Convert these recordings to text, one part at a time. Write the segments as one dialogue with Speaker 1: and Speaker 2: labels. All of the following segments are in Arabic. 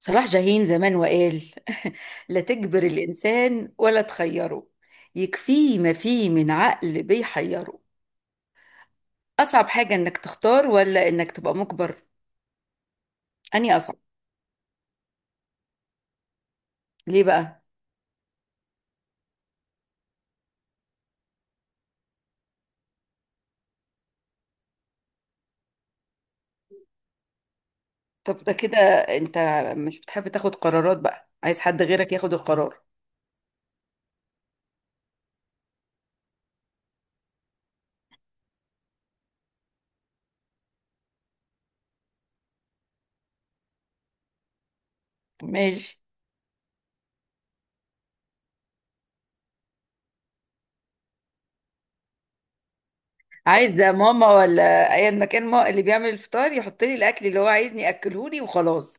Speaker 1: صلاح جاهين زمان وقال لا تجبر الإنسان ولا تخيره، يكفيه ما فيه من عقل بيحيره. أصعب حاجة إنك تختار ولا إنك تبقى مجبر. أني أصعب؟ ليه بقى؟ طب ده كده أنت مش بتحب تاخد قرارات، بقى عايز حد غيرك ياخد القرار؟ ماشي. عايز ماما ولا أيا مكان، ما اللي بيعمل الفطار يحط لي الأكل اللي هو عايزني أكلهولي وخلاص.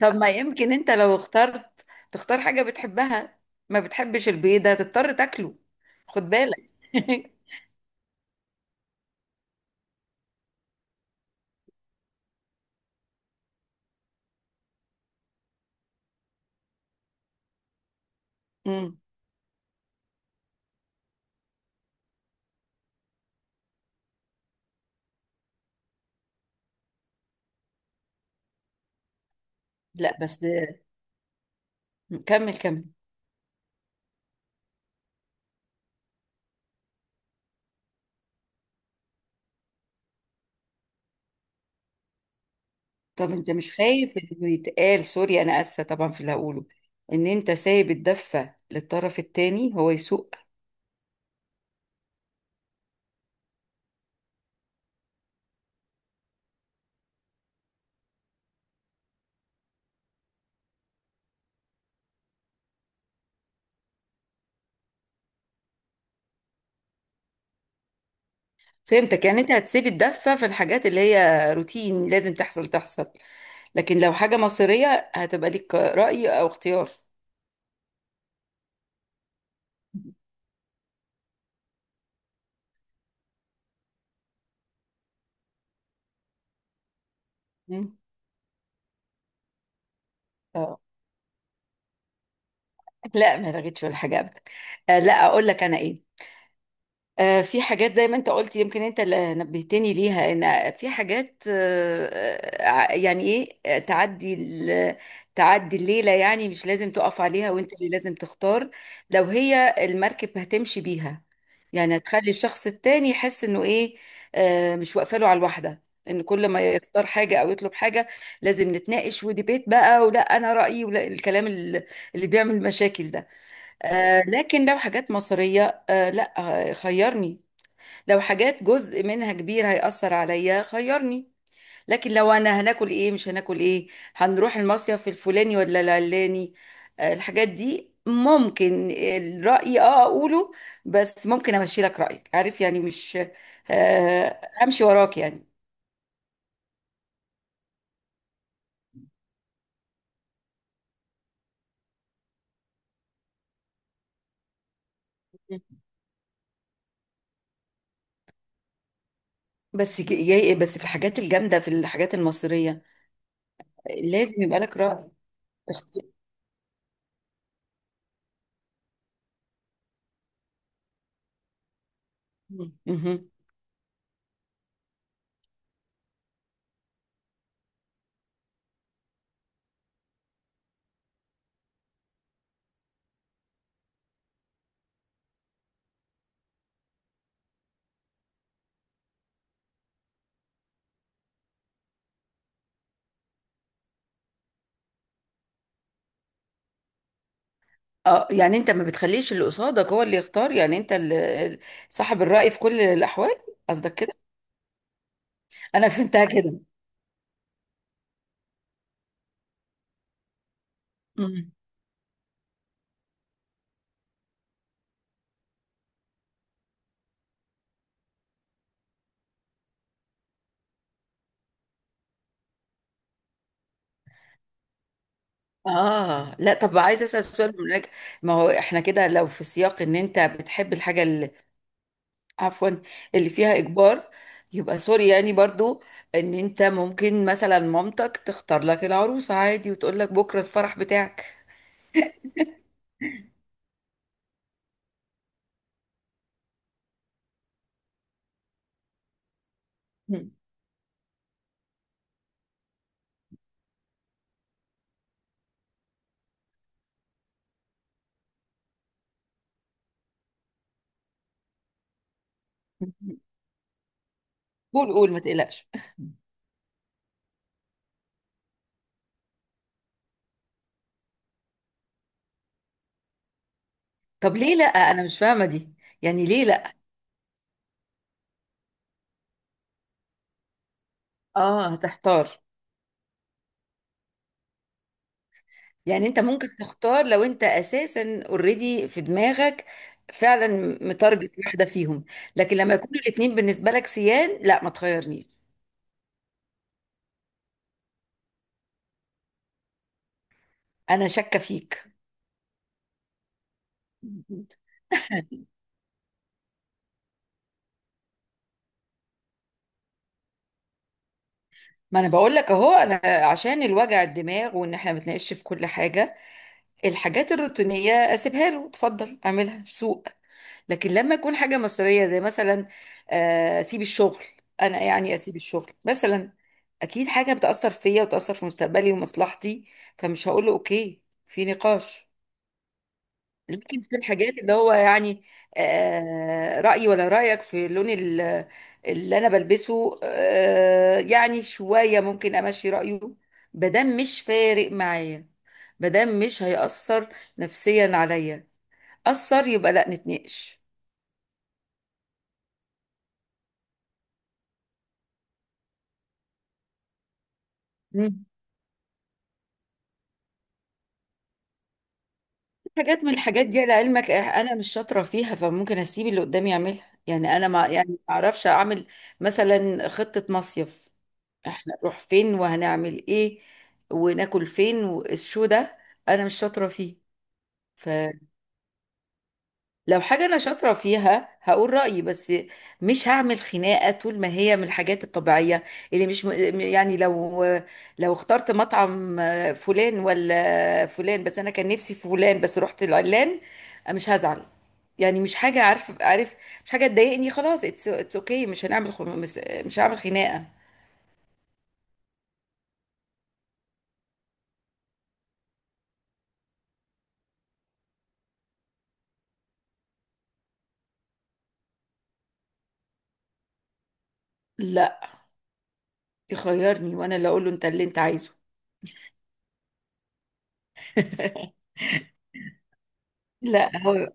Speaker 1: طب ما يمكن انت لو اخترت تختار حاجة بتحبها؟ ما بتحبش البيض ده تضطر تاكله. خد بالك. مم. لا بس، كمل كمل. طب انت مش خايف انه يتقال، سوري، انا اسفة طبعا في اللي هقوله، ان انت سايب الدفة للطرف التاني هو يسوق؟ فهمتك، يعني انت هتسيب الدفة في الحاجات اللي هي روتين لازم تحصل تحصل. لكن لو حاجة مصيرية هتبقى ليك رأي او اختيار. مم. اه، لا ما رغيتش ولا حاجه ابدا. آه لا، اقول لك انا ايه. في حاجات زي ما انت قلت، يمكن انت اللي نبهتني ليها، ان في حاجات يعني ايه، تعدي تعدي الليله، يعني مش لازم تقف عليها وانت اللي لازم تختار. لو هي المركب هتمشي بيها، يعني هتخلي الشخص التاني يحس انه ايه، مش واقفه له على الواحده. ان كل ما يختار حاجه او يطلب حاجه لازم نتناقش وديبيت بقى، ولا انا رايي، ولا الكلام اللي بيعمل مشاكل ده. لكن لو حاجات مصرية آه لا. خيرني. لو حاجات جزء منها كبير هيأثر عليا خيرني. لكن لو انا هناكل ايه مش هناكل ايه، هنروح المصيف الفلاني ولا العلاني، الحاجات دي ممكن الرأي اقوله، بس ممكن امشي لك رأيك، عارف يعني، مش امشي وراك يعني. بس جاي بس في الحاجات الجامدة، في الحاجات المصرية لازم يبقى لك رأي. تختار. اه يعني انت ما بتخليش اللي قصادك هو اللي يختار، يعني انت اللي صاحب الرأي في كل الأحوال، قصدك كده؟ انا فهمتها كده. مم. اه لا، طب عايزه اسال سؤال من هناك. ما هو احنا كده، لو في سياق ان انت بتحب الحاجه اللي، عفوا، اللي فيها اجبار، يبقى سوري يعني برضو، ان انت ممكن مثلا مامتك تختار لك العروسه عادي وتقول لك بكره الفرح بتاعك. مم. قول قول، ما تقلقش. طب ليه لا؟ انا مش فاهمه دي، يعني ليه لا؟ اه هتحتار، يعني انت ممكن تختار لو انت اساسا اوريدي في دماغك، فعلا متارجت واحده فيهم. لكن لما يكونوا الاتنين بالنسبه لك سيان، لا ما تخيرنيش. انا شاكه فيك. ما انا بقول لك اهو، انا عشان الوجع الدماغ وان احنا بنتناقش في كل حاجه، الحاجات الروتينية اسيبها له، اتفضل اعملها سوق. لكن لما يكون حاجة مصرية زي مثلا اسيب الشغل، انا يعني اسيب الشغل مثلا، اكيد حاجة بتأثر فيا وتأثر في مستقبلي ومصلحتي، فمش هقول له اوكي في نقاش. يمكن في الحاجات اللي هو يعني رأيي ولا رأيك في اللون اللي أنا بلبسه، يعني شوية ممكن أمشي رأيه، مادام مش فارق معايا، مادام مش هيأثر نفسيا عليا. أثر يبقى لا، نتناقش. مم. حاجات من الحاجات دي لعلمك أنا مش شاطرة فيها، فممكن أسيب اللي قدامي يعملها، يعني أنا ما، يعني ما أعرفش أعمل. مثلا خطة مصيف، احنا نروح فين وهنعمل ايه وناكل فين والشو ده، انا مش شاطره فيه. فلو حاجه انا شاطره فيها هقول رايي، بس مش هعمل خناقه طول ما هي من الحاجات الطبيعيه اللي مش، يعني لو اخترت مطعم فلان ولا فلان، بس انا كان نفسي في فلان بس رحت العلان، مش هزعل. يعني مش حاجه، عارف، مش حاجه تضايقني. خلاص، اتس اوكي، مش هنعمل خ- مش هعمل خناقه. لا، يخيرني وانا اللي اقول له انت اللي انت عايزه. لا هو،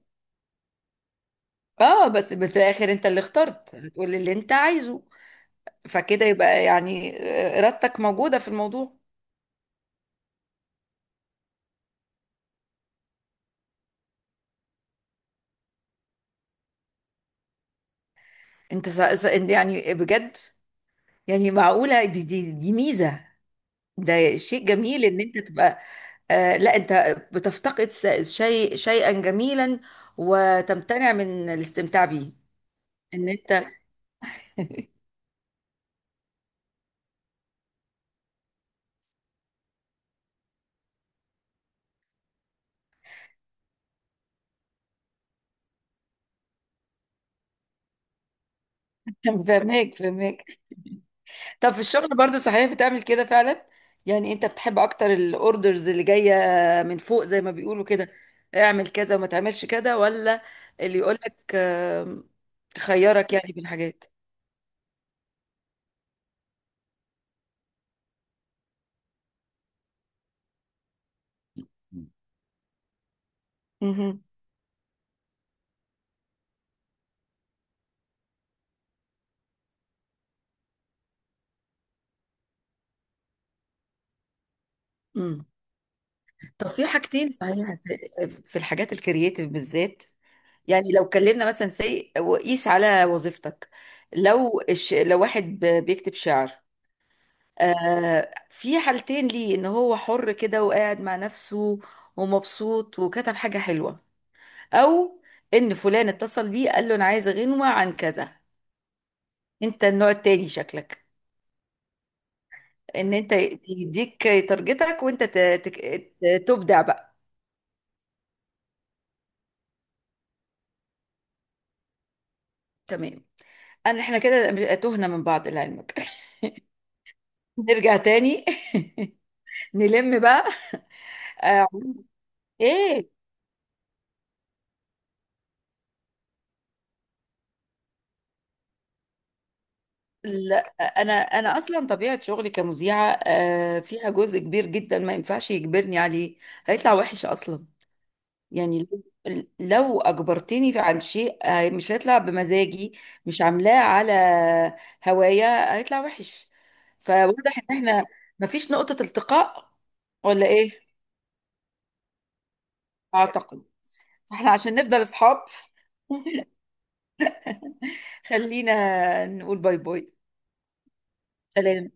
Speaker 1: اه بس في الاخر انت اللي اخترت هتقول اللي انت عايزه، فكده يبقى يعني ارادتك موجودة في الموضوع. إنت يعني بجد، يعني معقولة دي ميزة؟ ده شيء جميل ان انت تبقى، آه لا انت بتفتقد س- شيء شيئا جميلا، وتمتنع من الاستمتاع بيه، ان انت. فهماك فهماك. طب في الشغل برضو صحيح بتعمل كده فعلا؟ يعني انت بتحب اكتر الاوردرز اللي جايه من فوق زي ما بيقولوا كده، اعمل كذا وما تعملش كده، ولا اللي يقولك خيرك يعني بين حاجات؟ مهم. امم طب في حاجتين صحيح، في الحاجات الكرييتيف بالذات، يعني لو اتكلمنا مثلا سي وقيس على وظيفتك. لو واحد بيكتب شعر في حالتين ليه، ان هو حر كده وقاعد مع نفسه ومبسوط وكتب حاجة حلوة، او ان فلان اتصل بيه قال له انا عايز غنوة عن كذا. انت النوع التاني شكلك، ان انت يديك تارجتك وانت تبدع بقى. تمام. انا، احنا كده تهنا من بعض لعلمك. نرجع تاني. نلم بقى. آه، ايه؟ لا، انا اصلا طبيعه شغلي كمذيعه، فيها جزء كبير جدا ما ينفعش يجبرني عليه، هيطلع وحش اصلا. يعني لو اجبرتني عن شيء، مش هيطلع بمزاجي، مش عاملاه على هوايا، هيطلع وحش. فواضح ان احنا مفيش نقطه التقاء، ولا ايه؟ اعتقد. فاحنا عشان نفضل اصحاب، خلينا نقول باي باي. سلام.